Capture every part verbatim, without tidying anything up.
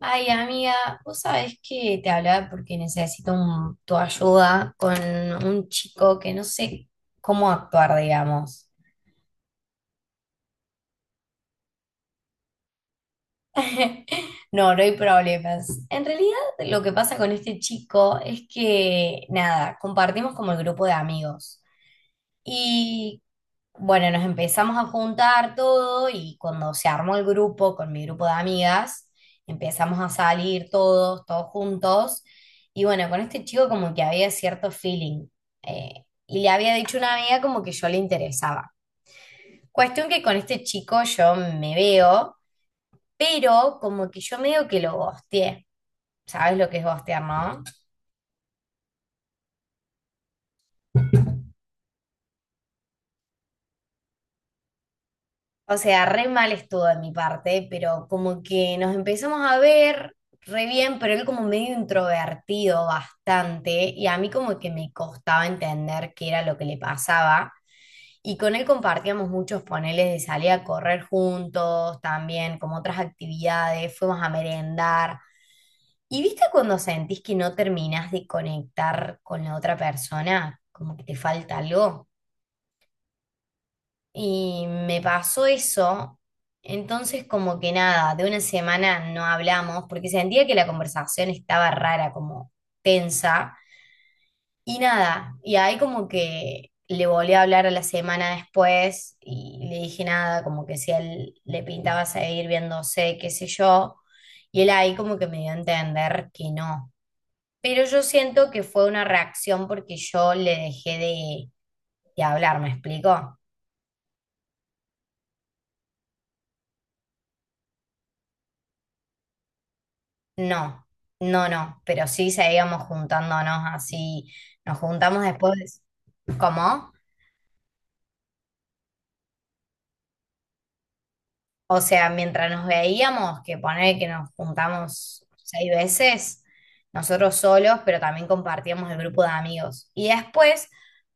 Ay, amiga, vos sabés que te hablaba porque necesito un- tu ayuda con un chico que no sé cómo actuar, digamos. No, no hay problemas. En realidad, lo que pasa con este chico es que, nada, compartimos como el grupo de amigos. Y bueno, nos empezamos a juntar todo y cuando se armó el grupo con mi grupo de amigas, empezamos a salir todos, todos juntos. Y bueno, con este chico como que había cierto feeling. eh, y le había dicho a una amiga como que yo le interesaba. Cuestión que con este chico yo me veo, pero como que yo medio que lo gosteé. ¿Sabes lo que es gostear, no? O sea, re mal estuvo de mi parte, pero como que nos empezamos a ver re bien, pero él como medio introvertido bastante, y a mí como que me costaba entender qué era lo que le pasaba. Y con él compartíamos muchos paneles de salir a correr juntos, también como otras actividades, fuimos a merendar. ¿Y viste cuando sentís que no terminás de conectar con la otra persona? Como que te falta algo. Y me pasó eso, entonces como que nada, de una semana no hablamos, porque sentía que la conversación estaba rara, como tensa, y nada, y ahí como que le volví a hablar a la semana después, y le dije nada, como que si a él le pintaba seguir viéndose, qué sé yo, y él ahí como que me dio a entender que no. Pero yo siento que fue una reacción porque yo le dejé de, de hablar, ¿me explico? No, no, no, pero sí seguíamos juntándonos así, nos juntamos después, ¿cómo? O sea, mientras nos veíamos, que poner que nos juntamos seis veces, nosotros solos, pero también compartíamos el grupo de amigos. Y después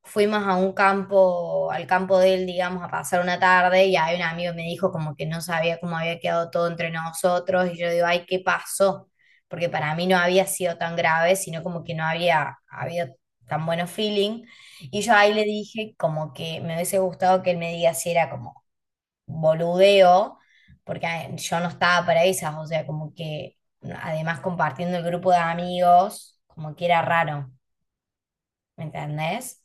fuimos a un campo, al campo de él, digamos, a pasar una tarde y ahí un amigo me dijo como que no sabía cómo había quedado todo entre nosotros y yo digo, ay, ¿qué pasó? Porque para mí no había sido tan grave, sino como que no había habido tan bueno feeling. Y yo ahí le dije como que me hubiese gustado que él me diga si era como boludeo, porque eh, yo no estaba para esas, o sea, como que además compartiendo el grupo de amigos, como que era raro, ¿me entendés?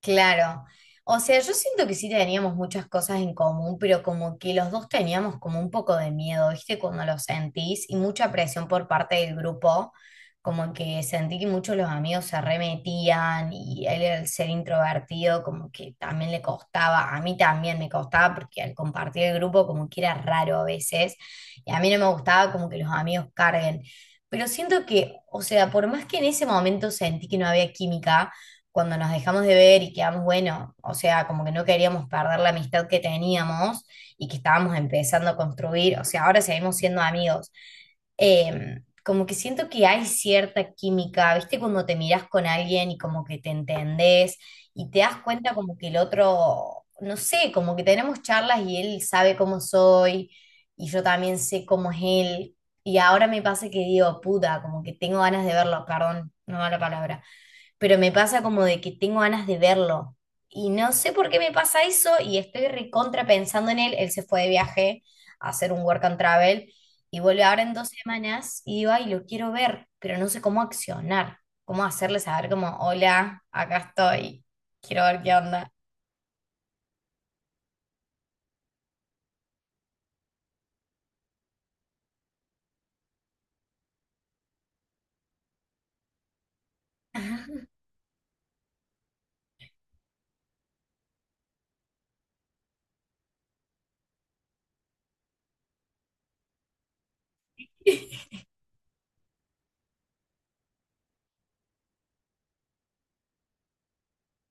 Claro. O sea, yo siento que sí teníamos muchas cosas en común, pero como que los dos teníamos como un poco de miedo, ¿viste? Cuando lo sentís y mucha presión por parte del grupo, como que sentí que muchos de los amigos se remetían y él al ser introvertido como que también le costaba, a mí también me costaba porque al compartir el grupo como que era raro a veces y a mí no me gustaba como que los amigos carguen. Pero siento que, o sea, por más que en ese momento sentí que no había química, cuando nos dejamos de ver y quedamos, bueno, o sea, como que no queríamos perder la amistad que teníamos y que estábamos empezando a construir, o sea, ahora seguimos siendo amigos. Eh, como que siento que hay cierta química, ¿viste? Cuando te miras con alguien y como que te entendés y te das cuenta como que el otro, no sé, como que tenemos charlas y él sabe cómo soy y yo también sé cómo es él. Y ahora me pasa que digo, puta, como que tengo ganas de verlo, perdón, no va la palabra pero me pasa como de que tengo ganas de verlo. Y no sé por qué me pasa eso y estoy recontra pensando en él. Él se fue de viaje a hacer un work and travel y vuelve ahora en dos semanas y digo, ay, lo quiero ver, pero no sé cómo accionar, cómo hacerle saber como, hola, acá estoy, quiero ver qué onda.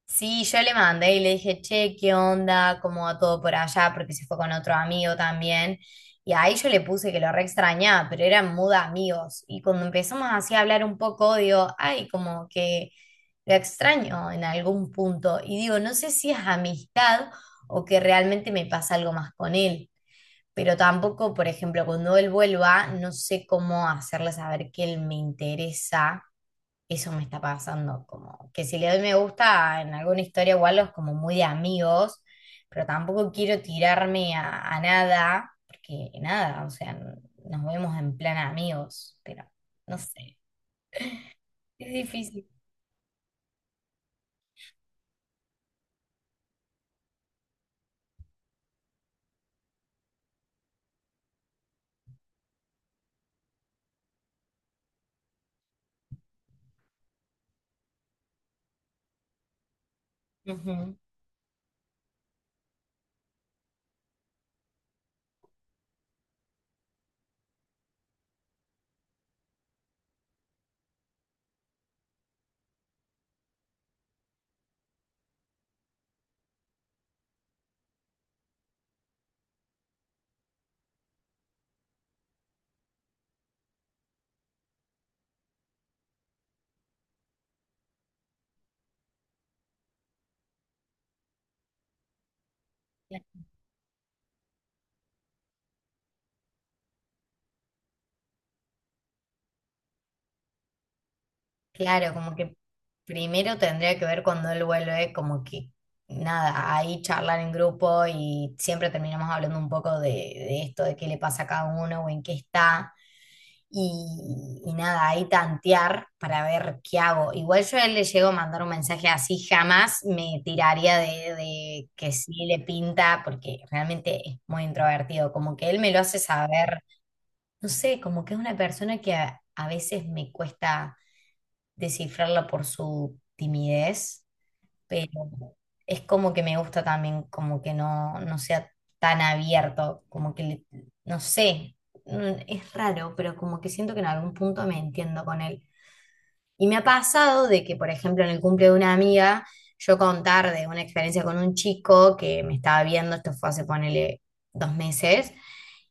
Sí, yo le mandé y le dije, che, ¿qué onda? ¿Cómo va todo por allá? Porque se fue con otro amigo también. Y ahí yo le puse que lo re extrañaba, pero eran mood amigos. Y cuando empezamos así a hablar un poco, digo, ay, como que lo extraño en algún punto. Y digo, no sé si es amistad o que realmente me pasa algo más con él. Pero tampoco, por ejemplo, cuando él vuelva, no sé cómo hacerle saber que él me interesa eso me está pasando, como que si le doy me gusta en alguna historia igual es como muy de amigos, pero tampoco quiero tirarme a, a nada, porque nada, o sea, n- nos vemos en plan amigos, pero no sé, es difícil. Ujú. Claro, como que primero tendría que ver cuando él vuelve, como que nada, ahí charlar en grupo y siempre terminamos hablando un poco de, de esto, de qué le pasa a cada uno o en qué está. Y, y nada, ahí tantear para ver qué hago. Igual yo a él le llego a mandar un mensaje así, jamás me tiraría de, de que sí le pinta, porque realmente es muy introvertido, como que él me lo hace saber, no sé, como que es una persona que a a veces me cuesta descifrarla por su timidez, pero es como que me gusta también como que no, no sea tan abierto, como que, le- no sé, mm, es raro, pero como que siento que en algún punto me entiendo con él. Y me ha pasado de que, por ejemplo, en el cumple de una amiga, yo contar de una experiencia con un chico que me estaba viendo, esto fue hace, ponele, dos meses,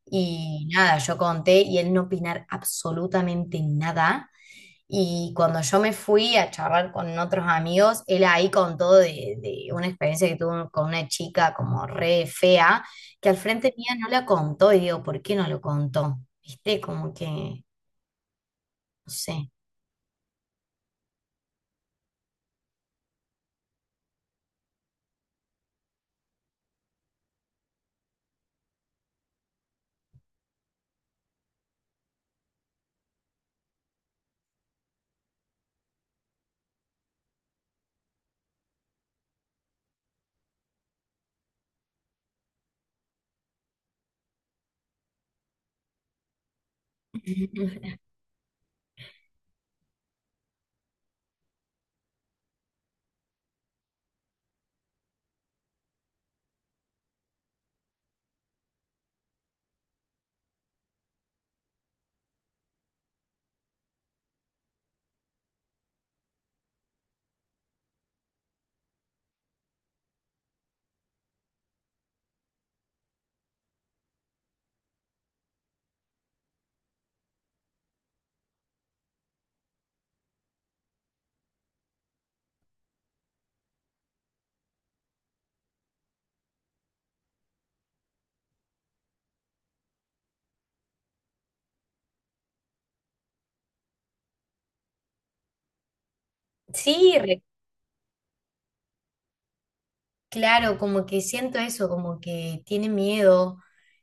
y nada, yo conté y él no opinar absolutamente nada. Y cuando yo me fui a charlar con otros amigos, él ahí contó de, de una experiencia que tuvo con una chica como re fea, que al frente mía no la contó. Y digo, ¿por qué no lo contó? ¿Viste? Como que, no sé. Sí, claro, como que siento eso, como que tiene miedo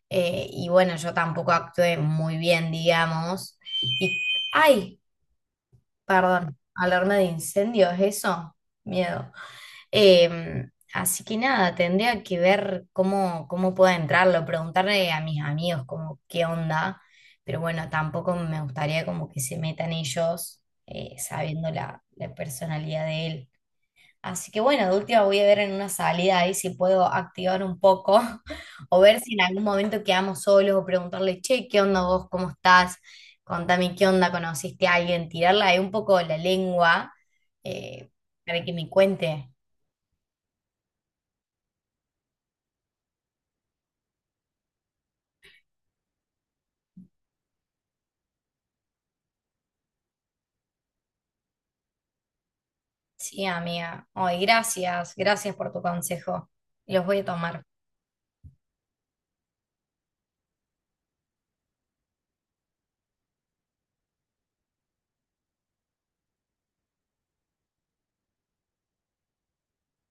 eh, y bueno, yo tampoco actué muy bien, digamos. Y, ay, perdón, alarma de incendios, eso, miedo. Eh, Así que nada, tendría que ver cómo, cómo puedo entrarlo, preguntarle a mis amigos como qué onda, pero bueno, tampoco me gustaría como que se metan ellos eh, sabiendo la, la personalidad de él. Así que bueno, de última voy a ver en una salida ahí si puedo activar un poco o ver si en algún momento quedamos solos o preguntarle, che, ¿qué onda vos? ¿Cómo estás? Contame qué onda, ¿conociste a alguien? Tirarla ahí un poco la lengua eh, para que me cuente. Sí, amiga. Ay, gracias, gracias por tu consejo. Los voy a tomar.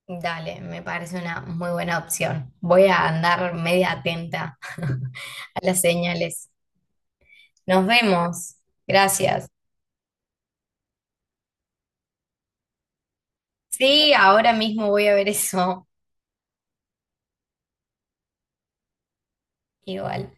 Dale, me parece una muy buena opción. Voy a andar media atenta a las señales. Nos vemos. Gracias. Sí, ahora mismo voy a ver eso. Igual.